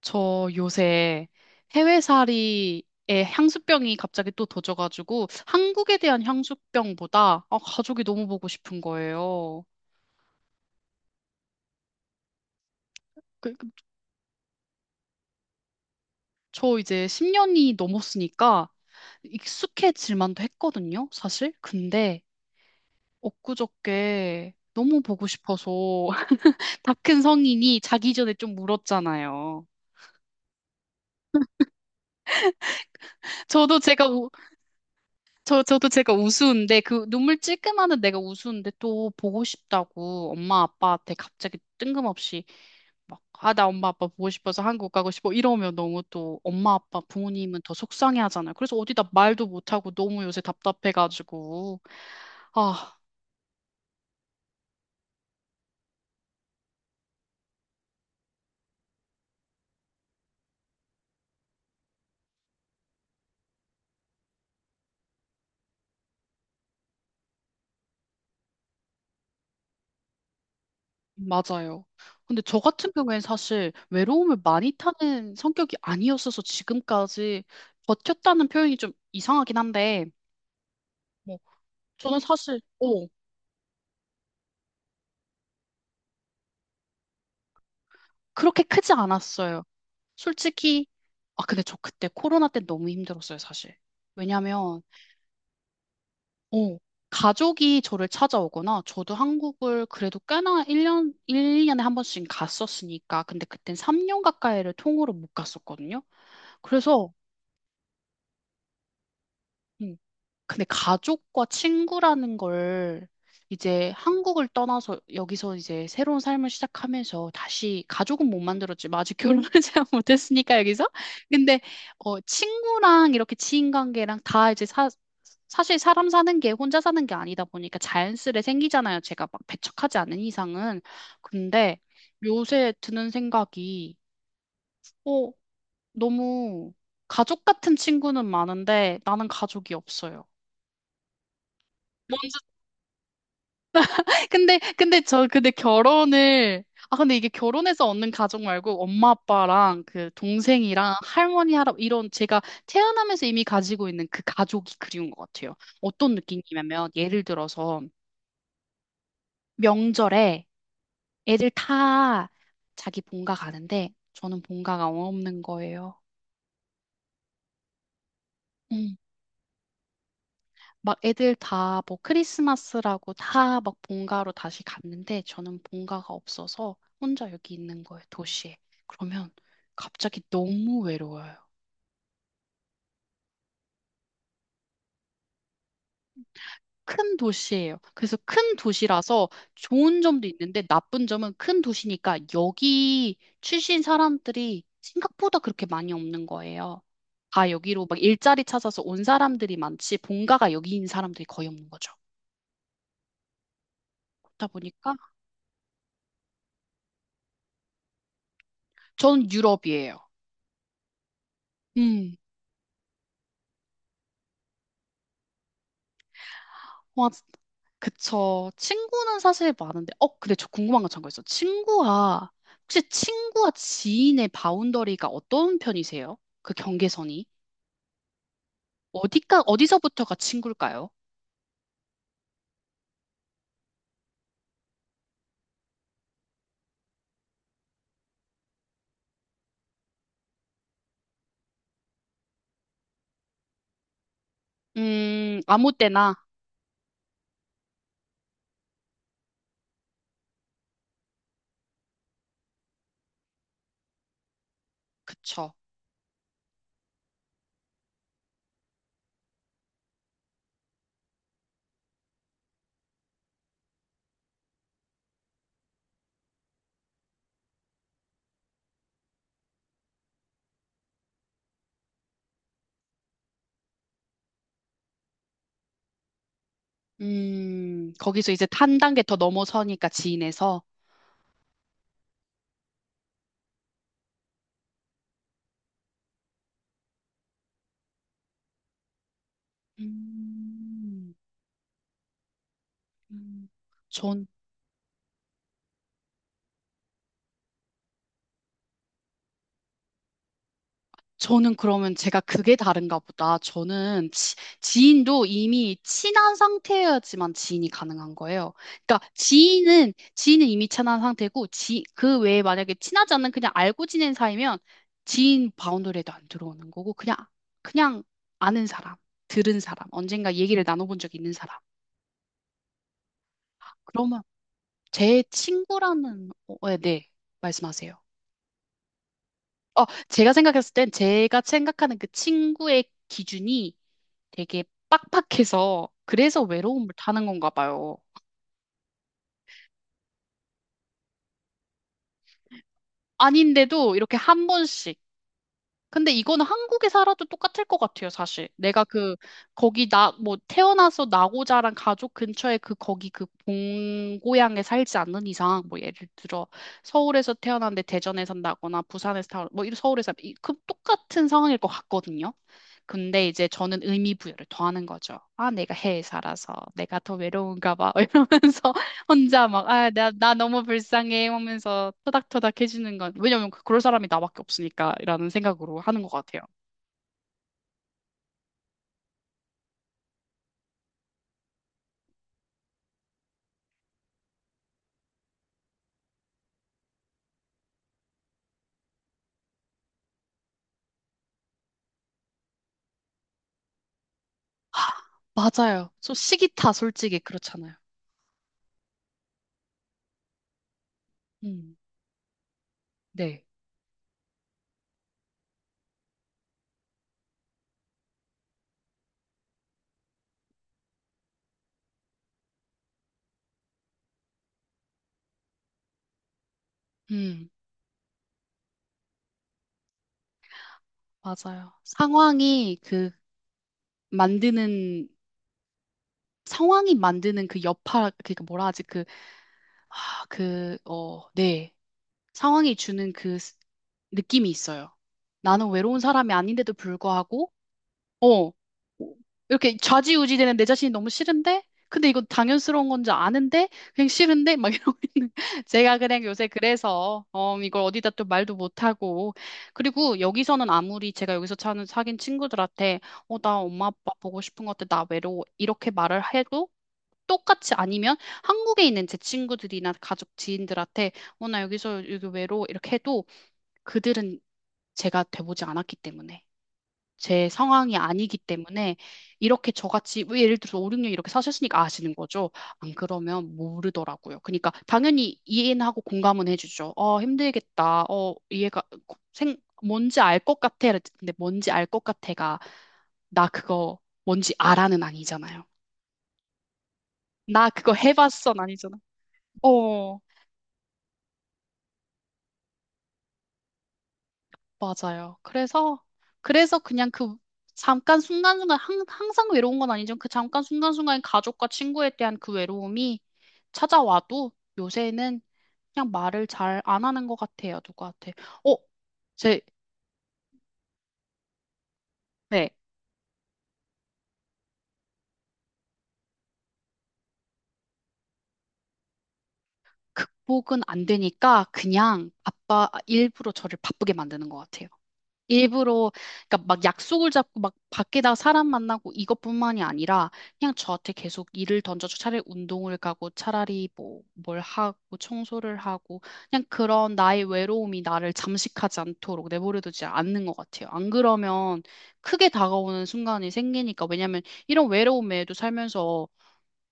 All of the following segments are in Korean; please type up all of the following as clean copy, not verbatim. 저 요새 해외살이에 향수병이 갑자기 또 도져가지고 한국에 대한 향수병보다 아, 가족이 너무 보고 싶은 거예요. 그, 그, 저 이제 10년이 넘었으니까 익숙해질 만도 했거든요, 사실. 근데 엊그저께 너무 보고 싶어서 다 큰 성인이 자기 전에 좀 울었잖아요. 저도 제가 저도 제가 우스운데, 그 눈물 찔끔하는 내가 우스운데 또 보고 싶다고 엄마 아빠한테 갑자기 뜬금없이 막, 아, 나 엄마 아빠 보고 싶어서 한국 가고 싶어. 이러면 너무 또 엄마 아빠 부모님은 더 속상해 하잖아요. 그래서 어디다 말도 못하고 너무 요새 답답해가지고. 아, 맞아요. 근데 저 같은 경우엔 사실 외로움을 많이 타는 성격이 아니었어서 지금까지 버텼다는 표현이 좀 이상하긴 한데, 뭐, 저는 사실, 그렇게 크지 않았어요. 솔직히, 아, 근데 저 그때 코로나 때 너무 힘들었어요, 사실. 왜냐면, 어, 가족이 저를 찾아오거나, 저도 한국을 그래도 꽤나 1년, 1, 2년에 한 번씩 갔었으니까, 근데 그땐 3년 가까이를 통으로 못 갔었거든요. 그래서, 응, 근데 가족과 친구라는 걸 이제 한국을 떠나서 여기서 이제 새로운 삶을 시작하면서 다시 가족은 못 만들었지. 아직 결혼을 잘 못했으니까 여기서. 근데 친구랑 이렇게 지인 관계랑 다 이제 사실 사람 사는 게 혼자 사는 게 아니다 보니까 자연스레 생기잖아요. 제가 막 배척하지 않은 이상은. 근데 요새 드는 생각이 어, 너무 가족 같은 친구는 많은데 나는 가족이 없어요. 근데 결혼을, 아, 근데 이게 결혼해서 얻는 가족 말고 엄마 아빠랑 그 동생이랑 할머니, 할아버지, 이런 제가 태어나면서 이미 가지고 있는 그 가족이 그리운 것 같아요. 어떤 느낌이냐면, 예를 들어서 명절에 애들 다 자기 본가 가는데, 저는 본가가 없는 거예요. 음. 막 애들 다 뭐 크리스마스라고 다 막 본가로 다시 갔는데 저는 본가가 없어서 혼자 여기 있는 거예요, 도시에. 그러면 갑자기 너무 외로워요. 큰 도시예요. 그래서 큰 도시라서 좋은 점도 있는데 나쁜 점은 큰 도시니까 여기 출신 사람들이 생각보다 그렇게 많이 없는 거예요. 다 여기로 막 일자리 찾아서 온 사람들이 많지 본가가 여기인 사람들이 거의 없는 거죠. 그렇다 보니까 전 유럽이에요. 음. 와, 그쵸. 친구는 사실 많은데, 근데 저 궁금한 거 참고 있어. 혹시 친구와 지인의 바운더리가 어떤 편이세요? 그 경계선이? 어디서부터가 친구일까요? 아무 때나, 그쵸. 거기서 이제 한 단계 더 넘어서니까 지인에서. 음, 음, 저는 그러면 제가 그게 다른가 보다. 저는 지인도 이미 친한 상태여야지만 지인이 가능한 거예요. 그러니까 지인은 이미 친한 상태고, 그 외에 만약에 친하지 않는 그냥 알고 지낸 사이면 지인 바운더리에도 안 들어오는 거고, 그냥 아는 사람, 들은 사람, 언젠가 얘기를 나눠본 적 있는 사람. 그러면 제 친구라는, 네, 네, 말씀하세요. 제가 생각했을 땐 제가 생각하는 그 친구의 기준이 되게 빡빡해서 그래서 외로움을 타는 건가 봐요. 아닌데도 이렇게 한 번씩. 근데 이거는 한국에 살아도 똑같을 것 같아요, 사실. 내가 그 거기 나 뭐 태어나서 나고 자란 가족 근처에 그 거기 그 본고향에 살지 않는 이상 뭐 예를 들어 서울에서 태어났는데 대전에 산다거나 부산에서 태어나 뭐 이런 서울에서 그 똑같은 상황일 것 같거든요. 근데 이제 저는 의미 부여를 더하는 거죠. 아, 내가 해외에 살아서 내가 더 외로운가 봐. 이러면서 혼자 막, 아, 나 너무 불쌍해 하면서 토닥토닥 해주는 건, 왜냐면 그럴 사람이 나밖에 없으니까, 라는 생각으로 하는 것 같아요. 하, 맞아요. 저 시기타 솔직히 그렇잖아요. 음, 네. 음, 맞아요. 만드는, 상황이 만드는 그 여파, 그니까 뭐라 하지, 그, 아, 그, 네. 상황이 주는 그 느낌이 있어요. 나는 외로운 사람이 아닌데도 불구하고, 어, 이렇게 좌지우지 되는 내 자신이 너무 싫은데? 근데 이거 당연스러운 건지 아는데? 그냥 싫은데? 막 이러고 있는. 제가 그냥 요새 그래서, 이걸 어디다 또 말도 못하고. 그리고 여기서는 아무리 제가 여기서 차는 사귄 친구들한테, 나 엄마 아빠 보고 싶은 것 같아. 나 외로워. 이렇게 말을 해도 똑같이 아니면 한국에 있는 제 친구들이나 가족 지인들한테, 나 여기서 여기 외로워. 이렇게 해도 그들은 제가 돼보지 않았기 때문에. 제 상황이 아니기 때문에 이렇게 저같이 왜 예를 들어서 5, 6년 이렇게 사셨으니까 아시는 거죠. 안 그러면 모르더라고요. 그러니까 당연히 이해는 하고 공감은 해주죠. 어, 힘들겠다. 이해가 생 뭔지 알 것 같아. 근데 뭔지 알 것 같아가 나 그거 뭔지 알아는 아니잖아요. 나 그거 해봤어 아니잖아. 어. 맞아요. 그래서 그냥 그 잠깐 순간순간, 항상 외로운 건 아니지만 그 잠깐 순간순간 가족과 친구에 대한 그 외로움이 찾아와도 요새는 그냥 말을 잘 안 하는 것 같아요, 누구한테. 어, 제, 네, 극복은 안 되니까 그냥 아빠 일부러 저를 바쁘게 만드는 것 같아요. 일부러 그러니까 막 약속을 잡고 막 밖에다 사람 만나고 이것뿐만이 아니라 그냥 저한테 계속 일을 던져줘 차라리 운동을 가고 차라리 뭐 뭘 하고 청소를 하고 그냥 그런 나의 외로움이 나를 잠식하지 않도록 내버려두지 않는 것 같아요. 안 그러면 크게 다가오는 순간이 생기니까 왜냐면 이런 외로움에도 살면서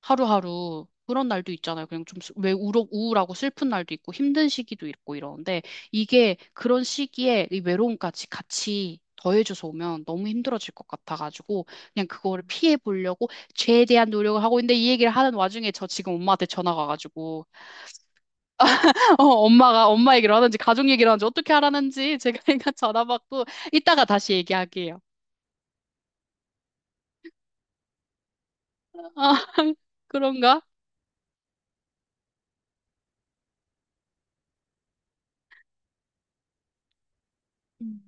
하루하루 그런 날도 있잖아요. 그냥 좀 왜 우울하고 슬픈 날도 있고 힘든 시기도 있고 이러는데 이게 그런 시기에 이 외로움까지 같이 더해져서 오면 너무 힘들어질 것 같아가지고 그냥 그거를 피해 보려고 최대한 노력을 하고 있는데 이 얘기를 하는 와중에 저 지금 엄마한테 전화가 가지고 엄마가 엄마 얘기를 하는지 가족 얘기를 하는지 어떻게 하라는지 제가 그냥 전화 받고 이따가 다시 얘기할게요. 아, 그런가? 음.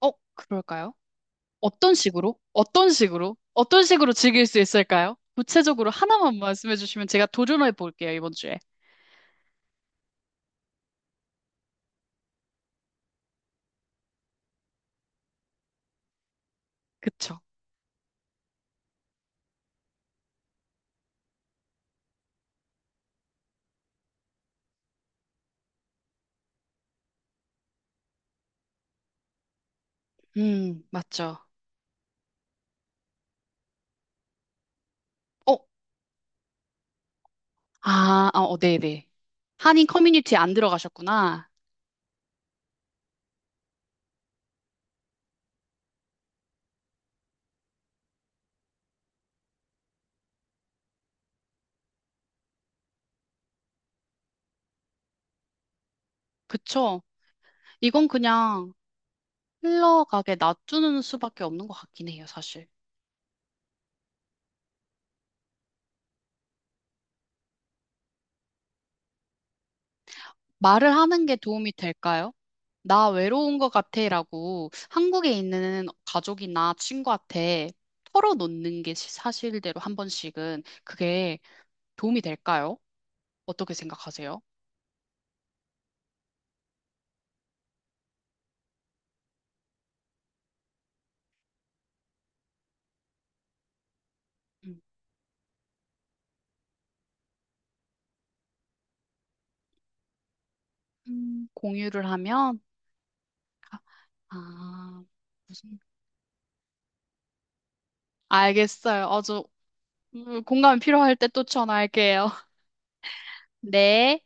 그럴까요? 어떤 식으로? 어떤 식으로? 어떤 식으로 즐길 수 있을까요? 구체적으로 하나만 말씀해 주시면 제가 도전해 볼게요, 이번 주에. 그쵸? 맞죠. 어, 아, 아, 네네. 한인 커뮤니티 안 들어가셨구나. 그쵸? 이건 그냥 흘러가게 놔두는 수밖에 없는 것 같긴 해요, 사실. 말을 하는 게 도움이 될까요? 나 외로운 것 같아라고 한국에 있는 가족이나 친구한테 털어놓는 게 사실대로 한 번씩은 그게 도움이 될까요? 어떻게 생각하세요? 음. 공유를 하면, 아, 무슨, 알겠어요. 아주, 공감이 필요할 때 또 전화할게요. 네.